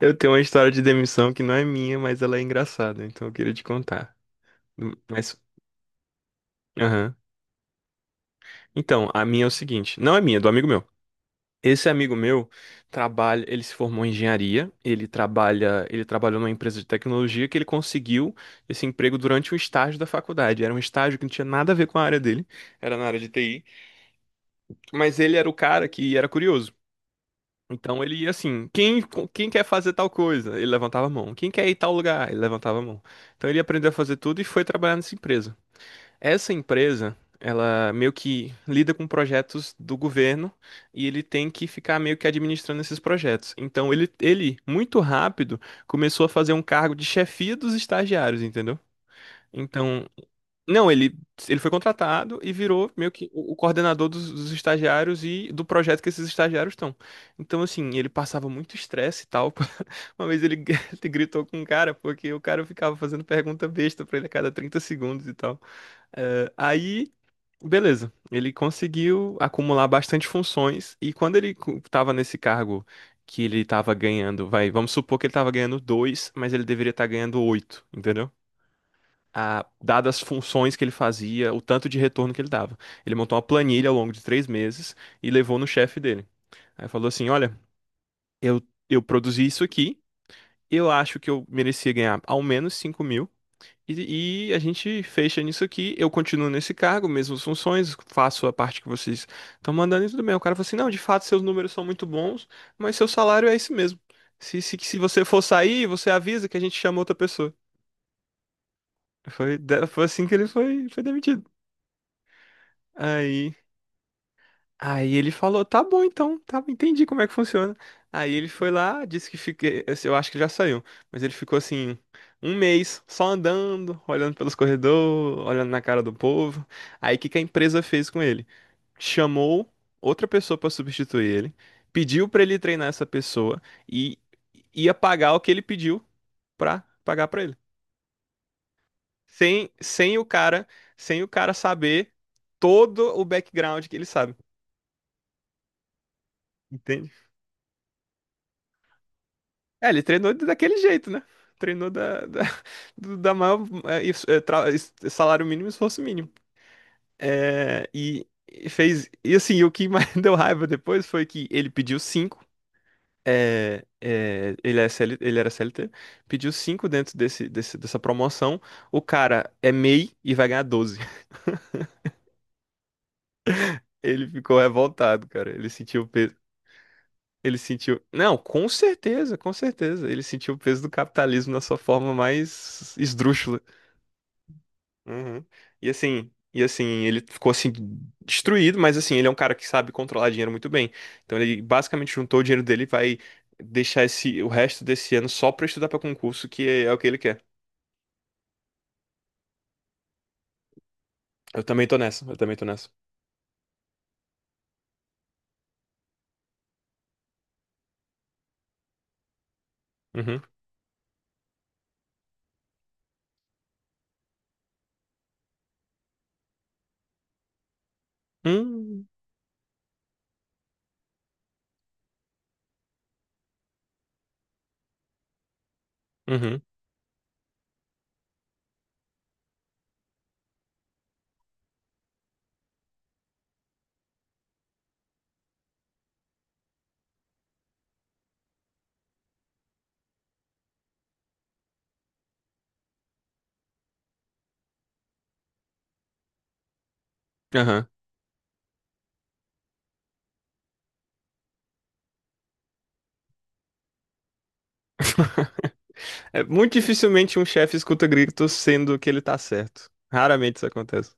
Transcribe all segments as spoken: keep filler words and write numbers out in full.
Eu tenho uma história de demissão que não é minha, mas ela é engraçada, então eu queria te contar. Mas, aham. Então, a minha é o seguinte, não é minha, é do amigo meu. Esse amigo meu trabalha, ele se formou em engenharia, ele trabalha, ele trabalhou numa empresa de tecnologia que ele conseguiu esse emprego durante um estágio da faculdade. Era um estágio que não tinha nada a ver com a área dele, era na área de T I, mas ele era o cara que era curioso. Então ele ia assim, quem, quem quer fazer tal coisa? Ele levantava a mão. Quem quer ir tal lugar? Ele levantava a mão. Então ele aprendeu a fazer tudo e foi trabalhar nessa empresa. Essa empresa, ela meio que lida com projetos do governo e ele tem que ficar meio que administrando esses projetos. Então ele, ele muito rápido, começou a fazer um cargo de chefia dos estagiários, entendeu? Então não, ele, ele foi contratado e virou meio que o o coordenador dos, dos estagiários e do projeto que esses estagiários estão. Então, assim, ele passava muito estresse e tal. Uma vez ele, ele gritou com um cara, porque o cara ficava fazendo pergunta besta pra ele a cada trinta segundos e tal. Eh, aí, Beleza, ele conseguiu acumular bastante funções e quando ele cu- tava nesse cargo que ele tava ganhando, vai, vamos supor que ele tava ganhando dois, mas ele deveria estar ganhando oito, entendeu? A- dadas as funções que ele fazia, o tanto de retorno que ele dava. Ele montou uma planilha ao longo de três meses e levou no chefe dele. Aí falou assim: Olha, eu, eu produzi isso aqui, eu acho que eu merecia ganhar ao menos cinco mil. E, e a gente fecha nisso aqui, eu continuo nesse cargo, mesmas funções, faço a parte que vocês estão mandando e tudo bem. O cara falou assim: não, de fato seus números são muito bons, mas seu salário é esse mesmo. Se, se, se você for sair, você avisa que a gente chama outra pessoa. Foi, da- foi assim que ele foi, foi demitido. Aí Aí ele falou, tá bom então, tá, entendi como é que funciona. Aí ele foi lá, disse que fiquei, assim, eu acho que já saiu, mas ele ficou assim um mês só andando, olhando pelos corredores, olhando na cara do povo. Aí o que que a empresa fez com ele? Chamou outra pessoa pra substituir ele, pediu pra ele treinar essa pessoa e ia pagar o que ele pediu pra pagar pra ele. Sem, sem o cara, Sem o cara saber todo o background que ele sabe. Entende? É, ele treinou daquele jeito, né? Treinou da, da, do- da maior é, isso, é, tra- es- salário mínimo e esforço mínimo. É, e, e fez. E assim, o que mais deu raiva depois foi que ele pediu cinco. É, é, ele, é C L ele era C L T, pediu cinco dentro desse, desse- dessa promoção. O cara é MEI e I e vai ganhar doze. Ele ficou revoltado, cara. Ele sentiu o peso. Ele sentiu. Não, com certeza, com certeza. Ele sentiu o peso do capitalismo na sua forma mais esdrúxula. Uhum. E assim, e assim, ele ficou assim destruído, mas assim, ele é um cara que sabe controlar dinheiro muito bem. Então ele basicamente juntou o dinheiro dele e vai deixar esse o resto desse ano só pra estudar pra concurso, que é, o que ele quer. Eu também tô nessa, eu também tô nessa. Uhum. Hum. Uhum. Aham. É, muito dificilmente um chefe escuta gritos sendo que ele tá certo. Raramente isso acontece.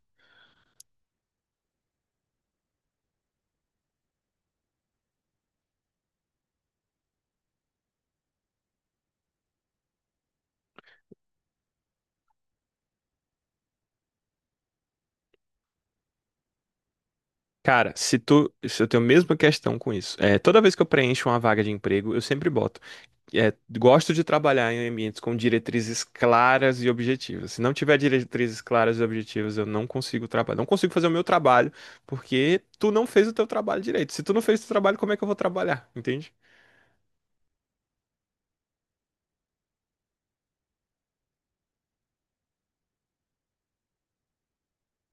Cara, se tu, se eu tenho a mesma questão com isso. É, toda vez que eu preencho uma vaga de emprego, eu sempre boto. É, gosto de trabalhar em ambientes com diretrizes claras e objetivas. Se não tiver diretrizes claras e objetivas, eu não consigo trabalhar. Não consigo fazer o meu trabalho, porque tu não fez o teu trabalho direito. Se tu não fez o teu trabalho, como é que eu vou trabalhar? Entende?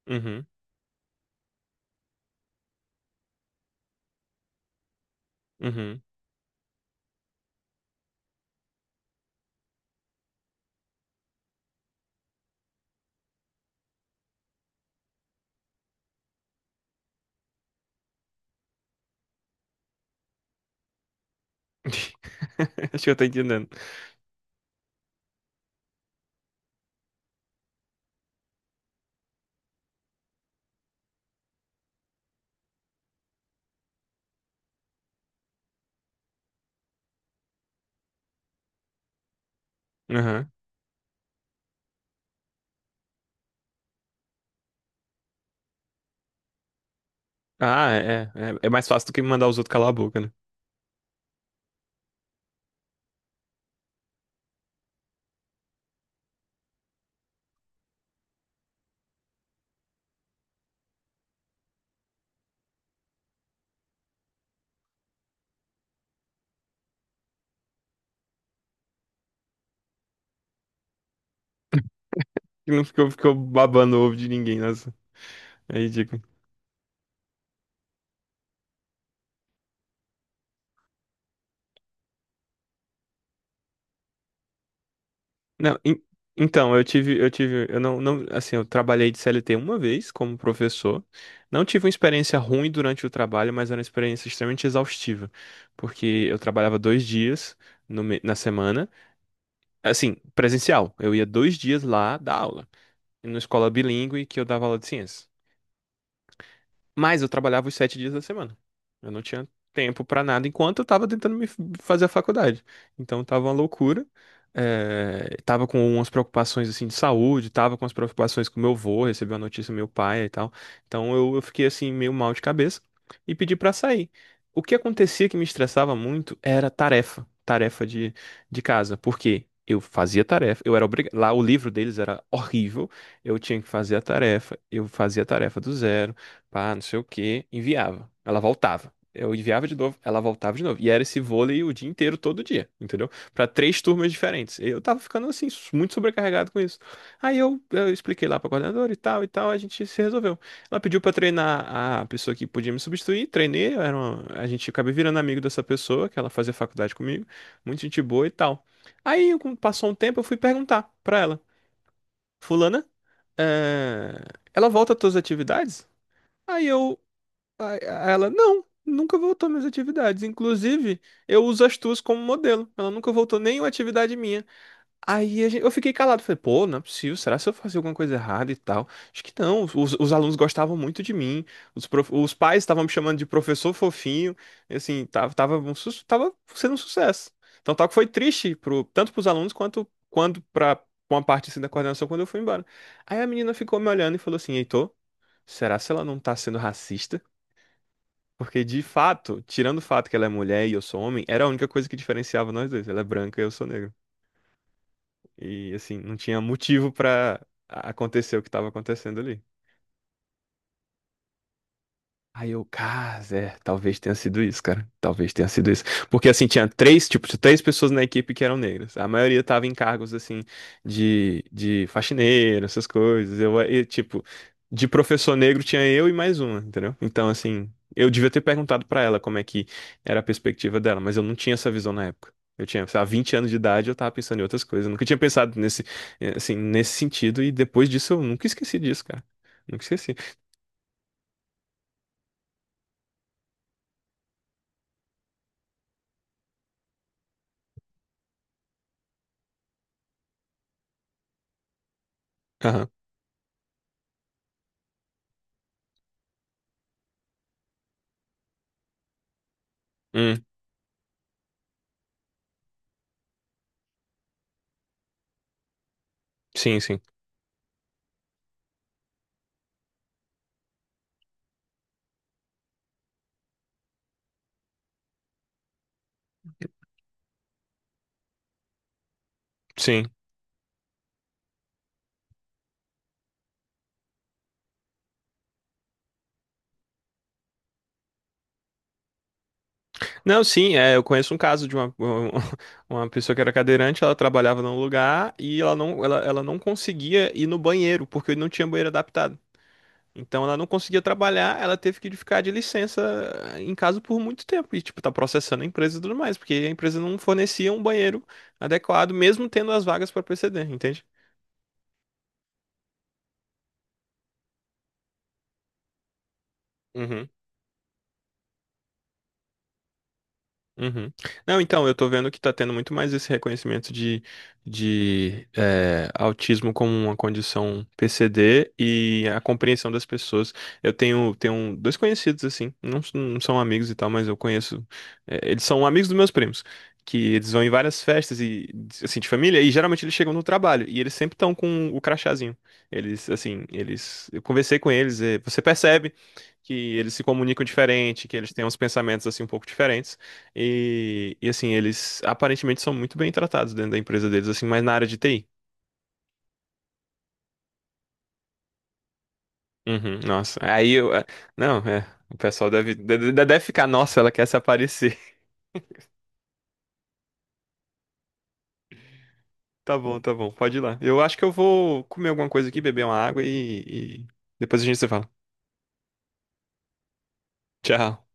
Uhum, uhum. Acho que eu tô entendendo. Uhum. Ah, é, é. É mais fácil do que mandar os outros calar a boca, né? Que não ficou, ficou babando o ovo de ninguém, nossa. É ridículo. Não, en- então, eu tive, eu tive, eu não, não, assim, eu trabalhei de C L T uma vez como professor. Não tive uma experiência ruim durante o trabalho, mas era uma experiência extremamente exaustiva, porque eu trabalhava dois dias no me- na semana, assim, presencial. Eu ia dois dias lá dar aula, numa escola bilíngue que eu dava aula de ciência. Mas eu trabalhava os sete dias da semana. Eu não tinha tempo pra nada enquanto eu tava tentando me f- fazer a faculdade. Então tava uma loucura. É, tava com umas preocupações assim de saúde, tava com as preocupações com meu avô, recebeu a notícia do meu pai e tal. Então eu, eu fiquei assim meio mal de cabeça e pedi pra sair. O que acontecia que me estressava muito era tarefa, tarefa de, de casa, porque eu fazia tarefa, eu era obrigado, lá o livro deles era horrível, eu tinha que fazer a tarefa, eu fazia a tarefa do zero pá, não sei o quê, enviava. Ela voltava. Eu enviava de novo, ela voltava de novo. E era esse vôlei o dia inteiro, todo dia, entendeu? Pra três turmas diferentes. Eu tava ficando, assim, muito sobrecarregado com isso. Aí eu, eu expliquei lá pra coordenadora e tal e tal, a gente se resolveu. Ela pediu pra treinar a pessoa que podia me substituir, treinei, eu era uma- a gente acabei virando amigo dessa pessoa, que ela fazia faculdade comigo, muito gente boa e tal. Aí, como passou um tempo, eu fui perguntar pra ela, fulana, eh, ela volta às tuas atividades? Aí eu Aí ela, não, nunca voltou minhas atividades. Inclusive, eu uso as tuas como modelo. Ela nunca voltou nenhuma atividade minha. Aí a gente- eu fiquei calado. Falei, pô, não é possível. Será que eu fazia alguma coisa errada e tal? Acho que não. Os, os alunos gostavam muito de mim. Os, prof- os pais estavam me chamando de professor fofinho. E, assim, tava, tava, um su- tava sendo um sucesso. Então, tal que foi triste pro, tanto pros alunos quanto quando pra uma parte assim, da coordenação quando eu fui embora. Aí a menina ficou me olhando e falou assim, Heitor, será que ela não tá sendo racista? Porque, de fato, tirando o fato que ela é mulher e eu sou homem, era a única coisa que diferenciava nós dois. Ela é branca e eu sou negro. E, assim, não tinha motivo pra acontecer o que tava acontecendo ali. Aí eu, cara, é, talvez tenha sido isso, cara. Talvez tenha sido isso. Porque assim, tinha três, tipo, três pessoas na equipe que eram negras. A maioria tava em cargos assim de, de faxineiro, essas coisas. Eu, e, tipo, de professor negro tinha eu e mais uma, entendeu? Então, assim, eu devia ter perguntado pra ela como é que era a perspectiva dela, mas eu não tinha essa visão na época. Eu tinha, sei lá, vinte anos de idade, eu tava pensando em outras coisas. Eu nunca tinha pensado nesse, eh, assim, nesse sentido, e depois disso eu nunca esqueci disso, cara. Nunca esqueci. Aham. Hum, sim, sim. Sim. Não, sim, é, eu conheço um caso de uma, uma pessoa que era cadeirante, ela trabalhava num lugar e ela não, ela, ela não conseguia ir no banheiro, porque não tinha banheiro adaptado. Então ela não conseguia trabalhar, ela teve que ficar de licença eh, em casa por muito tempo. E, tipo, tá processando a empresa e tudo mais, porque a empresa não fornecia um banheiro adequado, mesmo tendo as vagas para P C D, entende? Uhum. Não, então, eu tô vendo que tá tendo muito mais esse reconhecimento de, de eh, autismo como uma condição P C D e a compreensão das pessoas. Eu tenho, tenho um, dois conhecidos, assim, não, s- não são amigos e tal, mas eu conheço. Eh, eles são amigos dos meus primos, que eles vão em várias festas e, assim, de família, e geralmente eles chegam no trabalho, e eles sempre estão com o crachazinho. Eles, assim, eles. Eu conversei com eles, eh, você percebe que eles se comunicam diferente, que eles têm uns pensamentos assim um pouco diferentes. E, e assim, eles aparentemente são muito bem tratados dentro da empresa deles, assim, mas na área de T I. Uhum, nossa. Aí eu. É, não, é. O pessoal deve, deve, deve ficar, nossa, ela quer se aparecer. Tá bom, tá bom, pode ir lá. Eu acho que eu vou comer alguma coisa aqui, beber uma água e, e depois a gente se fala. Tchau.